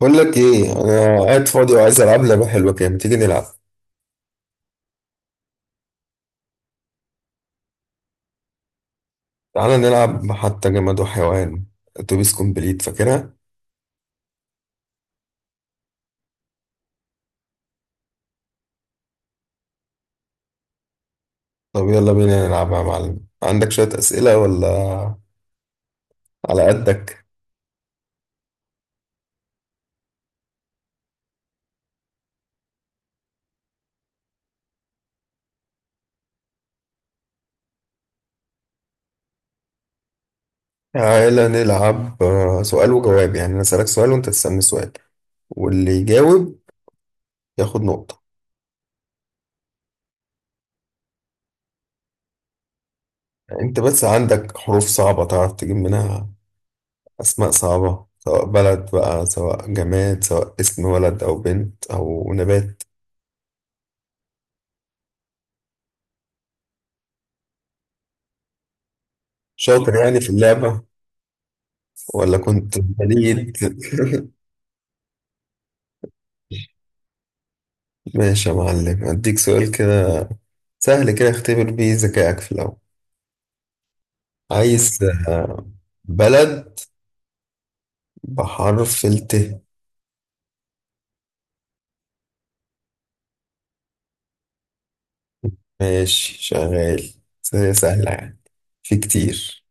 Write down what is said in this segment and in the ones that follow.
بقول لك ايه؟ انا قاعد فاضي وعايز العب لعبه حلوه كده، ما تيجي نلعب؟ تعالى نلعب حتى جماد وحيوان، اتوبيس كومبليت، فاكرها؟ طب يلا بينا نلعبها يا معلم. عندك شويه اسئله ولا على قدك؟ تعالى نلعب سؤال وجواب، يعني انا اسالك سؤال وانت تسالني سؤال، واللي يجاوب ياخد نقطه. انت بس عندك حروف صعبه تعرف تجيب منها؟ اسماء صعبه، سواء بلد بقى، سواء جماد، سواء اسم ولد او بنت او نبات. شاطر يعني في اللعبه ولا كنت بليد؟ ماشي يا معلم، أديك سؤال كده سهل كده اختبر بيه ذكائك في الأول. عايز آه، بلد بحرف الت. ماشي، شغال. سهلة سهلة يعني، في كتير.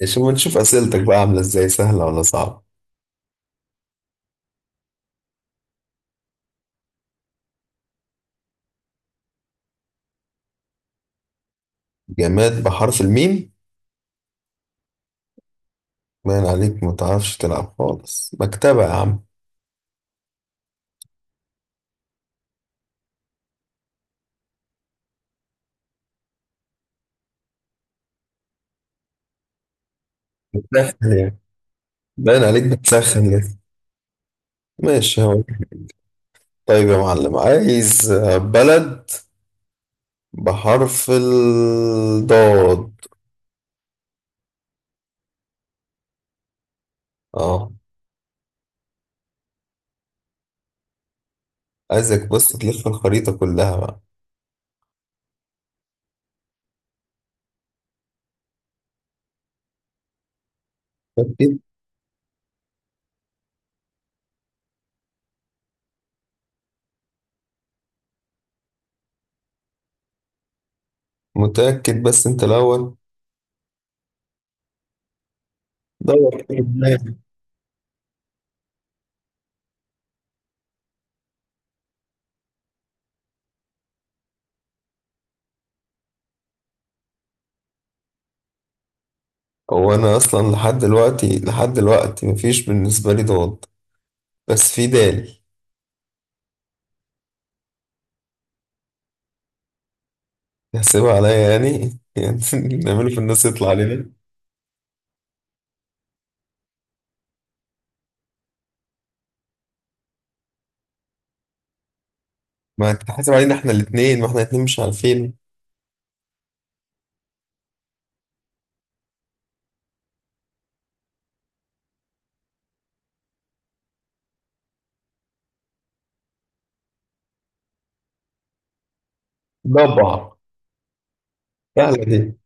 ماشي، ما نشوف أسئلتك بقى عاملة إزاي، سهلة ولا صعبة. جماد بحرف الميم؟ باين عليك ما تعرفش تلعب خالص. مكتبة يا عم. بتسخن يعني، باين عليك بتسخن لسه. ماشي. هو. طيب يا معلم، عايز بلد بحرف الضاد. اه، عايزك بس تلف الخريطة كلها بقى. متأكد؟ متأكد، بس انت الأول. دور كده في دماغك. هو أنا أصلا لحد دلوقتي مفيش بالنسبة لي ضاد، بس في دال. هسيبها عليا يعني يعني نعمله في الناس يطلع علينا. ما تحاسب علينا احنا الاتنين، ما احنا الاتنين مش عارفين. ضبع. سهلة دي.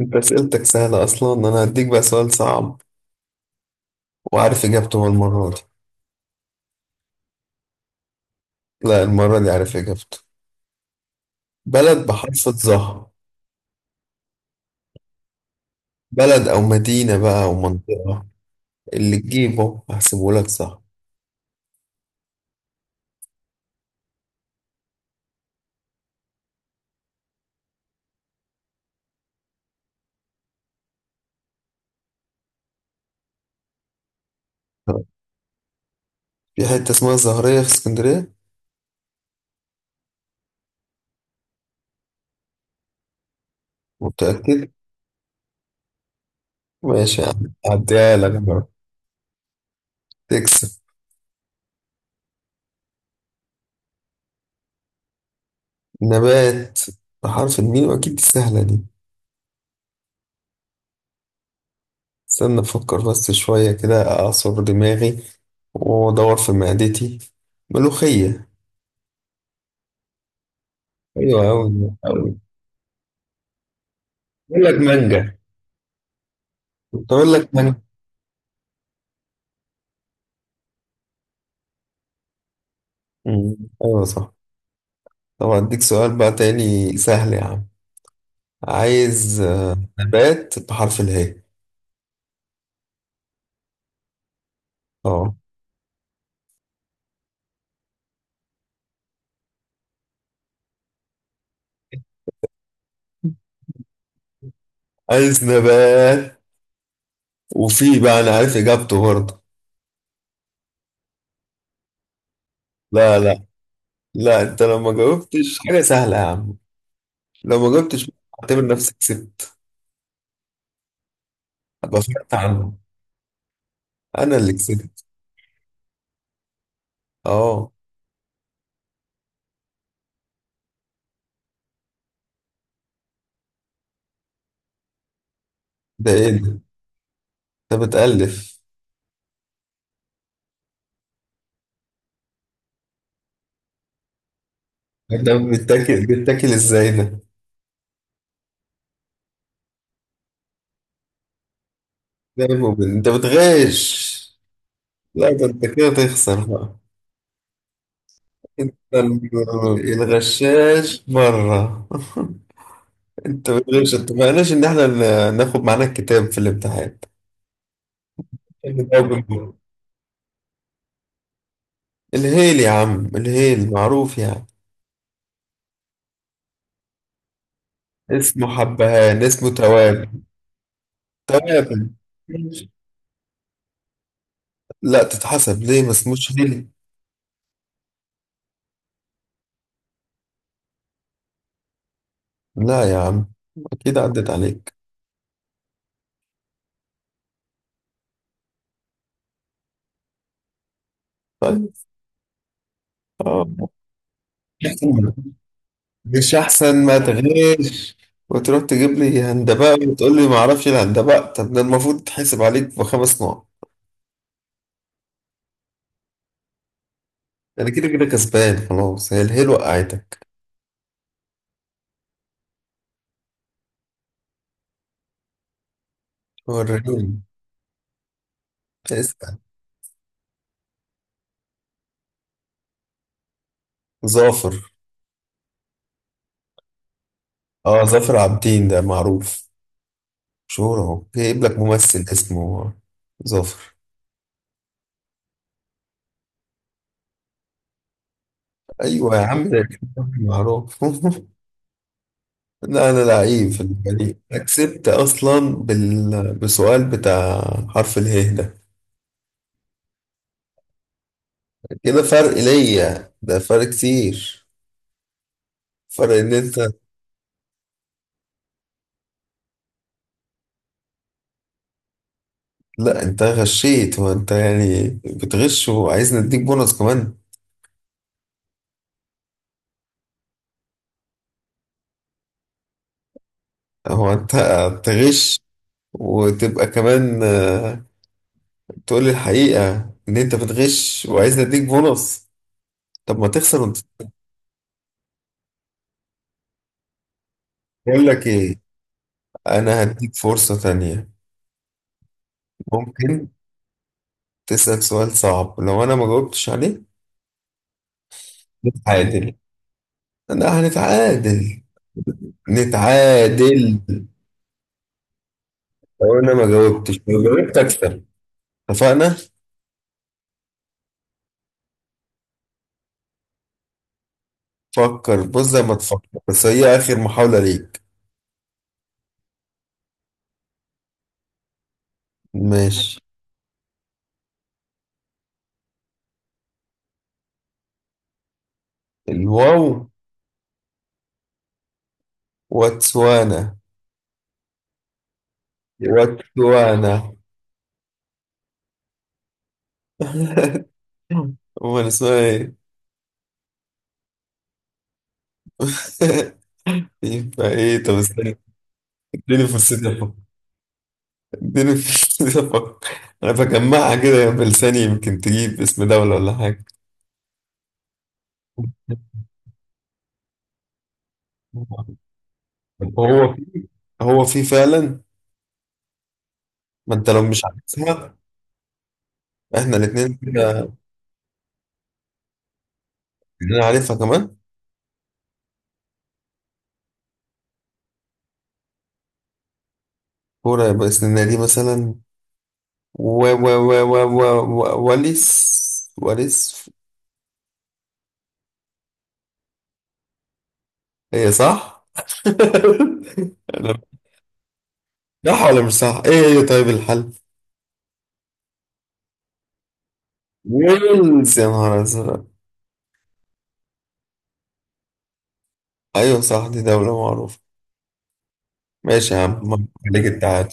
انت أسئلتك سهلة أصلا، أنا هديك بقى سؤال صعب وعارف إجابته المرة دي. لا، المرة دي عارف إجابته. بلد بحرف الظهر. بلد أو مدينة بقى أو منطقة، اللي تجيبه هحسبه لك صح. في حتة اسمها الزهرية في اسكندرية. متأكد؟ ماشي يا عم، هعديها لك بقى. تكسب. نبات بحرف الميم؟ أكيد دي سهلة دي. استنى أفكر بس شوية كده، أعصر دماغي وأدور في معدتي. ملوخية. أيوة، أوي أوي. أقول لك مانجا، كنت أقول لك مانجا. أمم، أيوة صح. طب أديك سؤال بقى تاني سهل يا عم. عايز نبات بحرف الهاء. اه، عايز نبات، وفي بقى انا عارف اجابته برضه. لا لا. لا انت لو ما جاوبتش حاجه سهله يا عم، لو ما جاوبتش اعتبر نفسك كسبت، ابقى فرقت عنه. انا اللي كسبت. اه. ده ايه ده؟ انت بتألف. ده بيتاكل ازاي ده؟ ده مؤمن. انت بتغش. لا ده انت كده تخسر بقى. انت ال- الغشاش بره انت بتغش! اتفقناش ان احنا ناخد معانا الكتاب في الامتحان. الهيل. الهيل يا عم، الهيل معروف يعني. اسمه حبهان، اسمه تواب. عارف. لا تتحسب ليه، ما اسموش هيل. لا يا عم، اكيد عدت عليك. طيب. اه. أحسن. مش احسن ما تغش وتروح تجيب لي هندباء وتقول لي ما اعرفش الهندباء. طب ده المفروض تحسب عليك بخمس نقط. انا كده كسبان خلاص، هي الهيل وقعتك. وريني. اسأل. ظافر. اه، ظافر عابدين ده معروف، مشهور، اهو جايب لك ممثل اسمه ظافر. ايوه يا عم ده معروف. لا انا لعيب في الفريق، كسبت اصلا بسؤال بتاع حرف اله ده. كده فرق ليا ده، فرق كتير، فرق ان انت. لا انت غشيت. هو انت يعني بتغش وعايز نديك بونص كمان؟ هو انت تغش وتبقى كمان تقول لي الحقيقة إن أنت بتغش وعايزني أديك بونص؟ طب ما تخسر وأنت. بقول لك إيه، أنا هديك فرصة تانية. ممكن تسأل سؤال صعب، لو أنا ما جاوبتش عليه نتعادل. أنا هنتعادل، نتعادل. لو أنا ما جاوبتش، لو جاوبت أكسب. اتفقنا؟ فكر، بص زي ما تفكر، بس هي آخر محاولة ليك. ماشي. الواو. واتسوانا. واتسوانا. هو أنا اسمها إيه؟ يبقى ايه؟ طب استنى، اديني فرصتي افكر. اديني فرصتي افكر. انا بجمعها كده بلساني، يمكن تجيب اسم دولة ولا حاجة. طب هو، هو في فعلا؟ ما انت لو مش عارفها احنا الاتنين كده. انا عارفها كمان. كورة، يبقى اسمنا دي مثلا. و و و و و و- وليس وليس. هي صح؟ أنا، صح ولا مش صح؟ ايه هي؟ طيب، الحل؟ ويلز، يا نهار ازرق. ايوه صح، دي دولة معروفة. ماشي يا عم، مبروك عليك انت.